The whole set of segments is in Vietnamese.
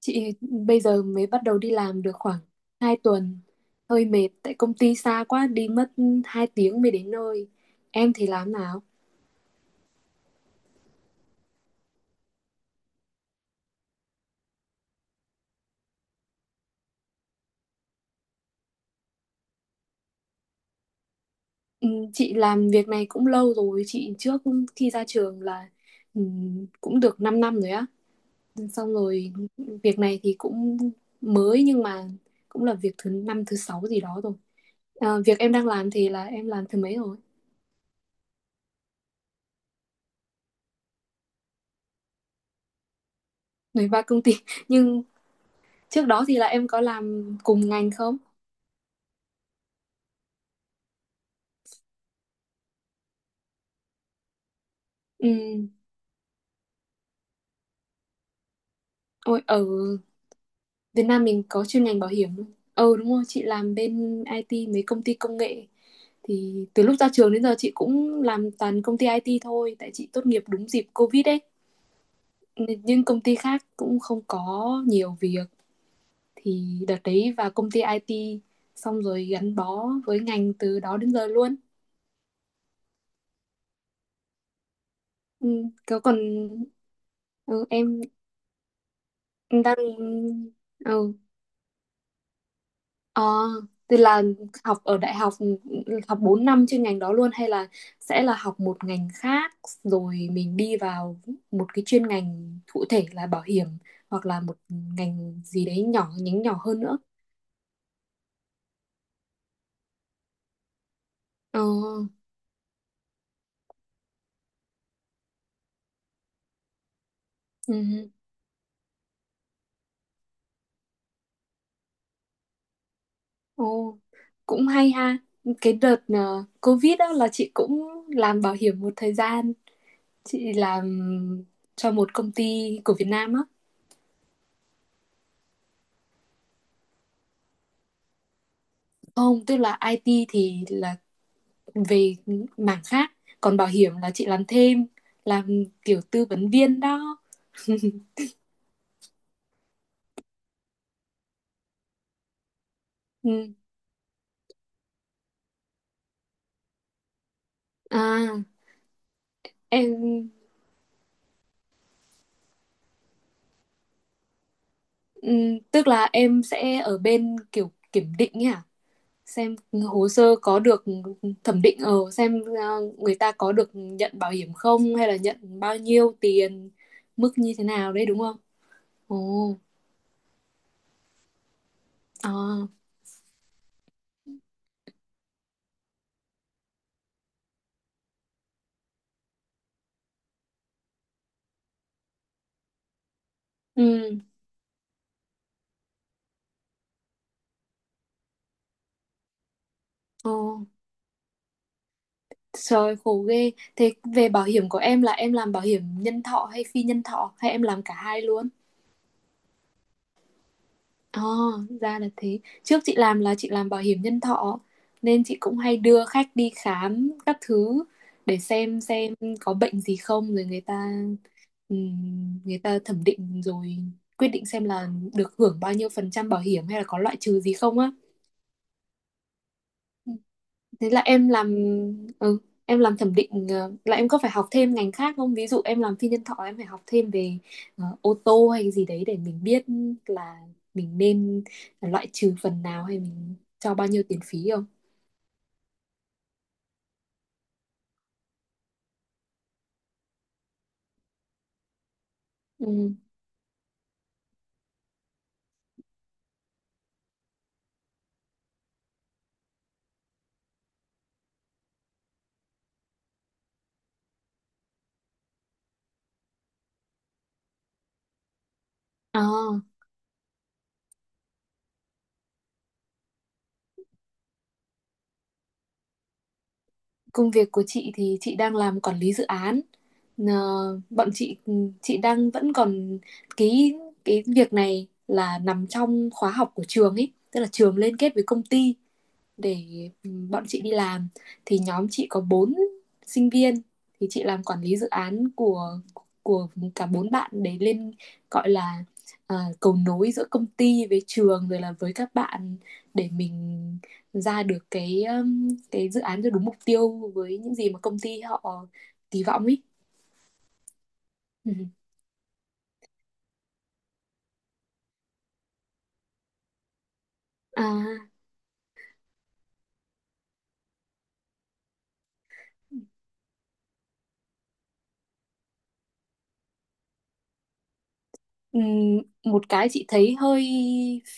Chị bây giờ mới bắt đầu đi làm được khoảng 2 tuần. Hơi mệt tại công ty xa quá, đi mất 2 tiếng mới đến nơi. Em thì làm nào? Ừ, chị làm việc này cũng lâu rồi. Chị trước khi ra trường là ừ, cũng được 5 năm rồi á. Xong rồi, việc này thì cũng mới nhưng mà cũng là việc thứ năm thứ sáu gì đó rồi. Việc em đang làm thì là em làm thứ mấy rồi? 13 công ty. Nhưng trước đó thì là em có làm cùng ngành không? Ừ. Ôi, ở Việt Nam mình có chuyên ngành bảo hiểm luôn. Ừ, đúng rồi, chị làm bên IT mấy công ty công nghệ, thì từ lúc ra trường đến giờ chị cũng làm toàn công ty IT thôi, tại chị tốt nghiệp đúng dịp Covid ấy. Nhưng công ty khác cũng không có nhiều việc, thì đợt đấy vào công ty IT, xong rồi gắn bó với ngành từ đó đến giờ luôn. Ừ, có còn ừ, em đang ừ, Ờ, thì là học ở đại học, học 4 năm chuyên ngành đó luôn, hay là sẽ là học một ngành khác rồi mình đi vào một cái chuyên ngành cụ thể là bảo hiểm, hoặc là một ngành gì đấy nhỏ, nhánh nhỏ hơn nữa. Ờ, ừ, ồ, cũng hay ha. Cái đợt Covid đó là chị cũng làm bảo hiểm một thời gian. Chị làm cho một công ty của Việt Nam á. Không, tức là IT thì là về mảng khác, còn bảo hiểm là chị làm thêm, làm kiểu tư vấn viên đó ừ. à em ừ, tức là em sẽ ở bên kiểu kiểm định ấy à, xem hồ sơ có được thẩm định, ở xem người ta có được nhận bảo hiểm không, hay là nhận bao nhiêu tiền, mức như thế nào đấy, đúng không? Ồ, à, ừ, ồ, trời khổ ghê. Thế, về bảo hiểm của em, là em làm bảo hiểm nhân thọ hay phi nhân thọ, hay em làm cả hai luôn? Ờ, ra là thế. Trước chị làm là chị làm bảo hiểm nhân thọ, nên chị cũng hay đưa khách đi khám các thứ để xem có bệnh gì không, rồi người ta thẩm định rồi quyết định xem là được hưởng bao nhiêu phần trăm bảo hiểm, hay là có loại trừ gì không á. Thế là ừ, em làm thẩm định, là em có phải học thêm ngành khác không? Ví dụ em làm phi nhân thọ, em phải học thêm về ô tô hay gì đấy để mình biết là mình nên loại trừ phần nào, hay mình cho bao nhiêu tiền phí không ừ. À, công việc của chị thì chị đang làm quản lý dự án. Ờ, bọn chị, chị đang vẫn còn cái cái việc này, là nằm trong khóa học của trường ấy, tức là trường liên kết với công ty để bọn chị đi làm, thì nhóm chị có 4 sinh viên, thì chị làm quản lý dự án của của cả bốn bạn, để lên gọi là cầu nối giữa công ty với trường, rồi là với các bạn, để mình ra được cái dự án cho đúng mục tiêu với những gì mà công ty họ kỳ vọng ấy. Ừ. À, một cái chị thấy hơi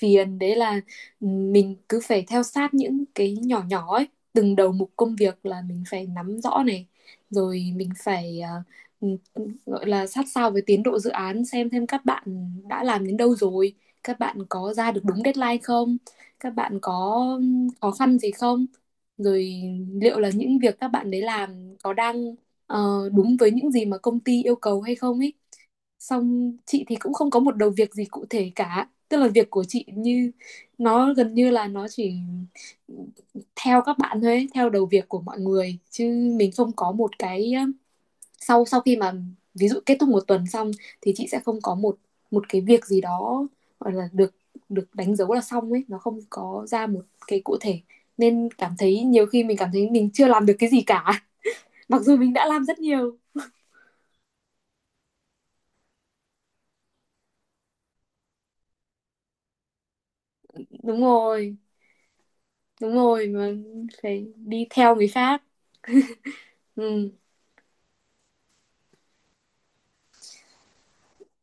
phiền đấy là, mình cứ phải theo sát những cái nhỏ nhỏ ấy, từng đầu mục công việc là mình phải nắm rõ này, rồi mình phải ừm, gọi là sát sao với tiến độ dự án, xem thêm các bạn đã làm đến đâu rồi, các bạn có ra được đúng deadline không, các bạn có khó khăn gì không, rồi liệu là những việc các bạn đấy làm có đang đúng với những gì mà công ty yêu cầu hay không ấy. Xong chị thì cũng không có một đầu việc gì cụ thể cả, tức là việc của chị, như nó gần như là nó chỉ theo các bạn thôi ấy, theo đầu việc của mọi người, chứ mình không có một cái, sau sau khi mà ví dụ kết thúc 1 tuần xong, thì chị sẽ không có một một cái việc gì đó gọi là được, đánh dấu là xong ấy, nó không có ra một cái cụ thể, nên cảm thấy, nhiều khi mình cảm thấy mình chưa làm được cái gì cả, mặc dù mình đã làm rất nhiều. Đúng rồi, đúng rồi, mà phải đi theo người khác. ừ,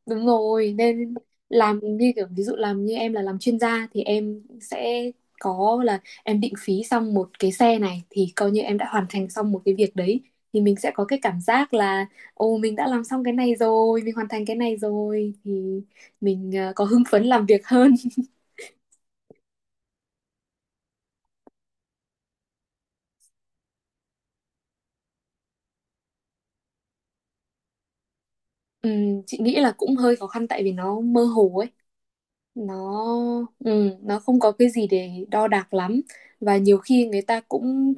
đúng rồi, nên làm như kiểu, ví dụ làm như em là làm chuyên gia, thì em sẽ có là em định phí xong một cái xe này, thì coi như em đã hoàn thành xong một cái việc đấy, thì mình sẽ có cái cảm giác là, ồ, mình đã làm xong cái này rồi, mình hoàn thành cái này rồi, thì mình có hưng phấn làm việc hơn. ừ, chị nghĩ là cũng hơi khó khăn, tại vì nó mơ hồ ấy, nó nó không có cái gì để đo đạc lắm, và nhiều khi người ta cũng,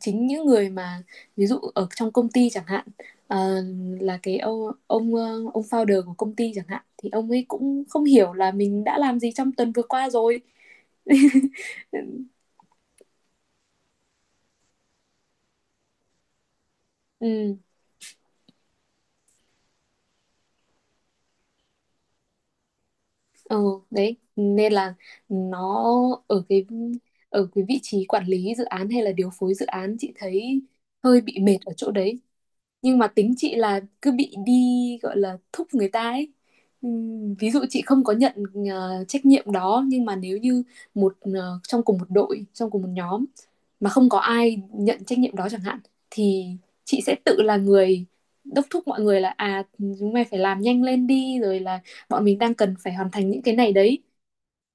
chính những người mà ví dụ ở trong công ty chẳng hạn, ờ, là cái ông founder của công ty chẳng hạn, thì ông ấy cũng không hiểu là mình đã làm gì trong tuần vừa qua rồi. Ừ, ừ, đấy nên là nó ở cái, vị trí quản lý dự án hay là điều phối dự án, chị thấy hơi bị mệt ở chỗ đấy, nhưng mà tính chị là cứ bị đi gọi là thúc người ta ấy. Ví dụ chị không có nhận trách nhiệm đó, nhưng mà nếu như một ờ, trong cùng một đội, trong cùng một nhóm mà không có ai nhận trách nhiệm đó chẳng hạn, thì chị sẽ tự là người đốc thúc mọi người là, chúng mày phải làm nhanh lên đi, rồi là bọn mình đang cần phải hoàn thành những cái này đấy,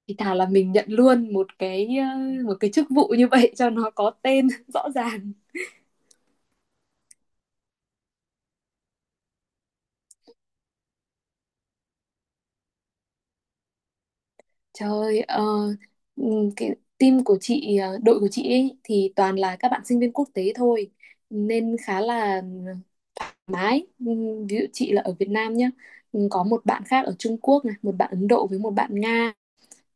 thì thà là mình nhận luôn một cái, một cái chức vụ như vậy cho nó có tên rõ ràng. Trời ơi, cái team của chị, đội của chị ấy, thì toàn là các bạn sinh viên quốc tế thôi, nên khá là mái. Ví dụ chị là ở Việt Nam nhá, có một bạn khác ở Trung Quốc này, một bạn Ấn Độ với một bạn Nga,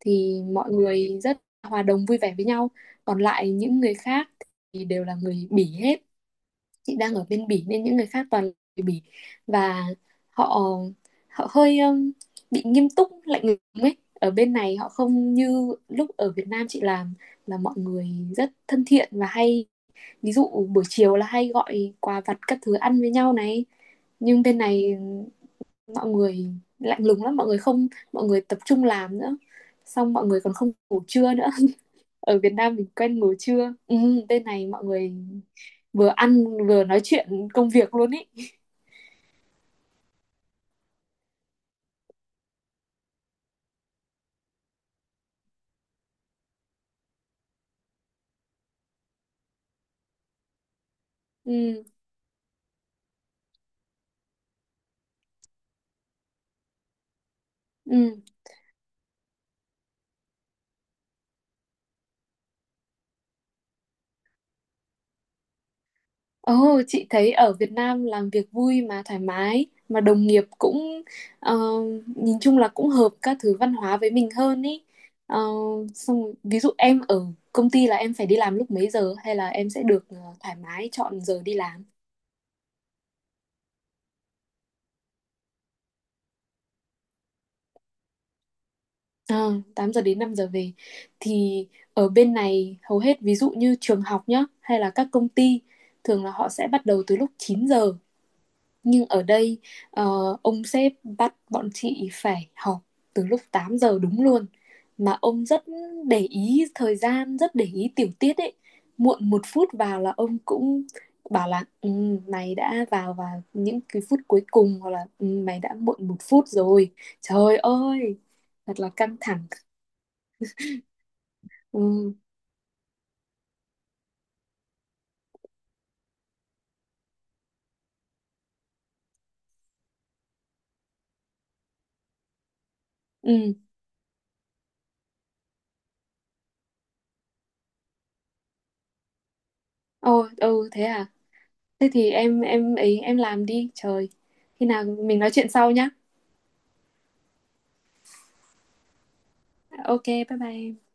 thì mọi người rất hòa đồng vui vẻ với nhau. Còn lại những người khác thì đều là người Bỉ hết, chị đang ở bên Bỉ nên những người khác toàn là người Bỉ, và họ họ hơi bị nghiêm túc lạnh lùng ấy, ở bên này họ không như lúc ở Việt Nam chị làm, là mọi người rất thân thiện, và hay ví dụ buổi chiều là hay gọi quà vặt các thứ ăn với nhau này, nhưng bên này mọi người lạnh lùng lắm, mọi người không mọi người tập trung làm nữa, xong mọi người còn không ngủ trưa nữa, ở Việt Nam mình quen ngồi trưa. Ừ, bên này mọi người vừa ăn vừa nói chuyện công việc luôn ý. Ừ, ừ, ồ, chị thấy ở Việt Nam làm việc vui mà thoải mái, mà đồng nghiệp cũng ờ, nhìn chung là cũng hợp các thứ văn hóa với mình hơn ý. Ờ, xong rồi, ví dụ em ở công ty là em phải đi làm lúc mấy giờ, hay là em sẽ được thoải mái chọn giờ đi làm? Ờ, 8 giờ đến 5 giờ về, thì ở bên này hầu hết ví dụ như trường học nhá, hay là các công ty thường là họ sẽ bắt đầu từ lúc 9 giờ, nhưng ở đây ờ, ông sếp bắt bọn chị phải họp từ lúc 8 giờ đúng luôn, mà ông rất để ý thời gian, rất để ý tiểu tiết ấy, muộn 1 phút vào là ông cũng bảo là mày đã vào vào những cái phút cuối cùng, hoặc là mày đã muộn 1 phút rồi. Trời ơi, thật là căng thẳng. Ừ, ừ, ồ, ừ, thế à? Thế thì em ấy em làm đi trời, khi nào mình nói chuyện sau nhá. OK, bye bye.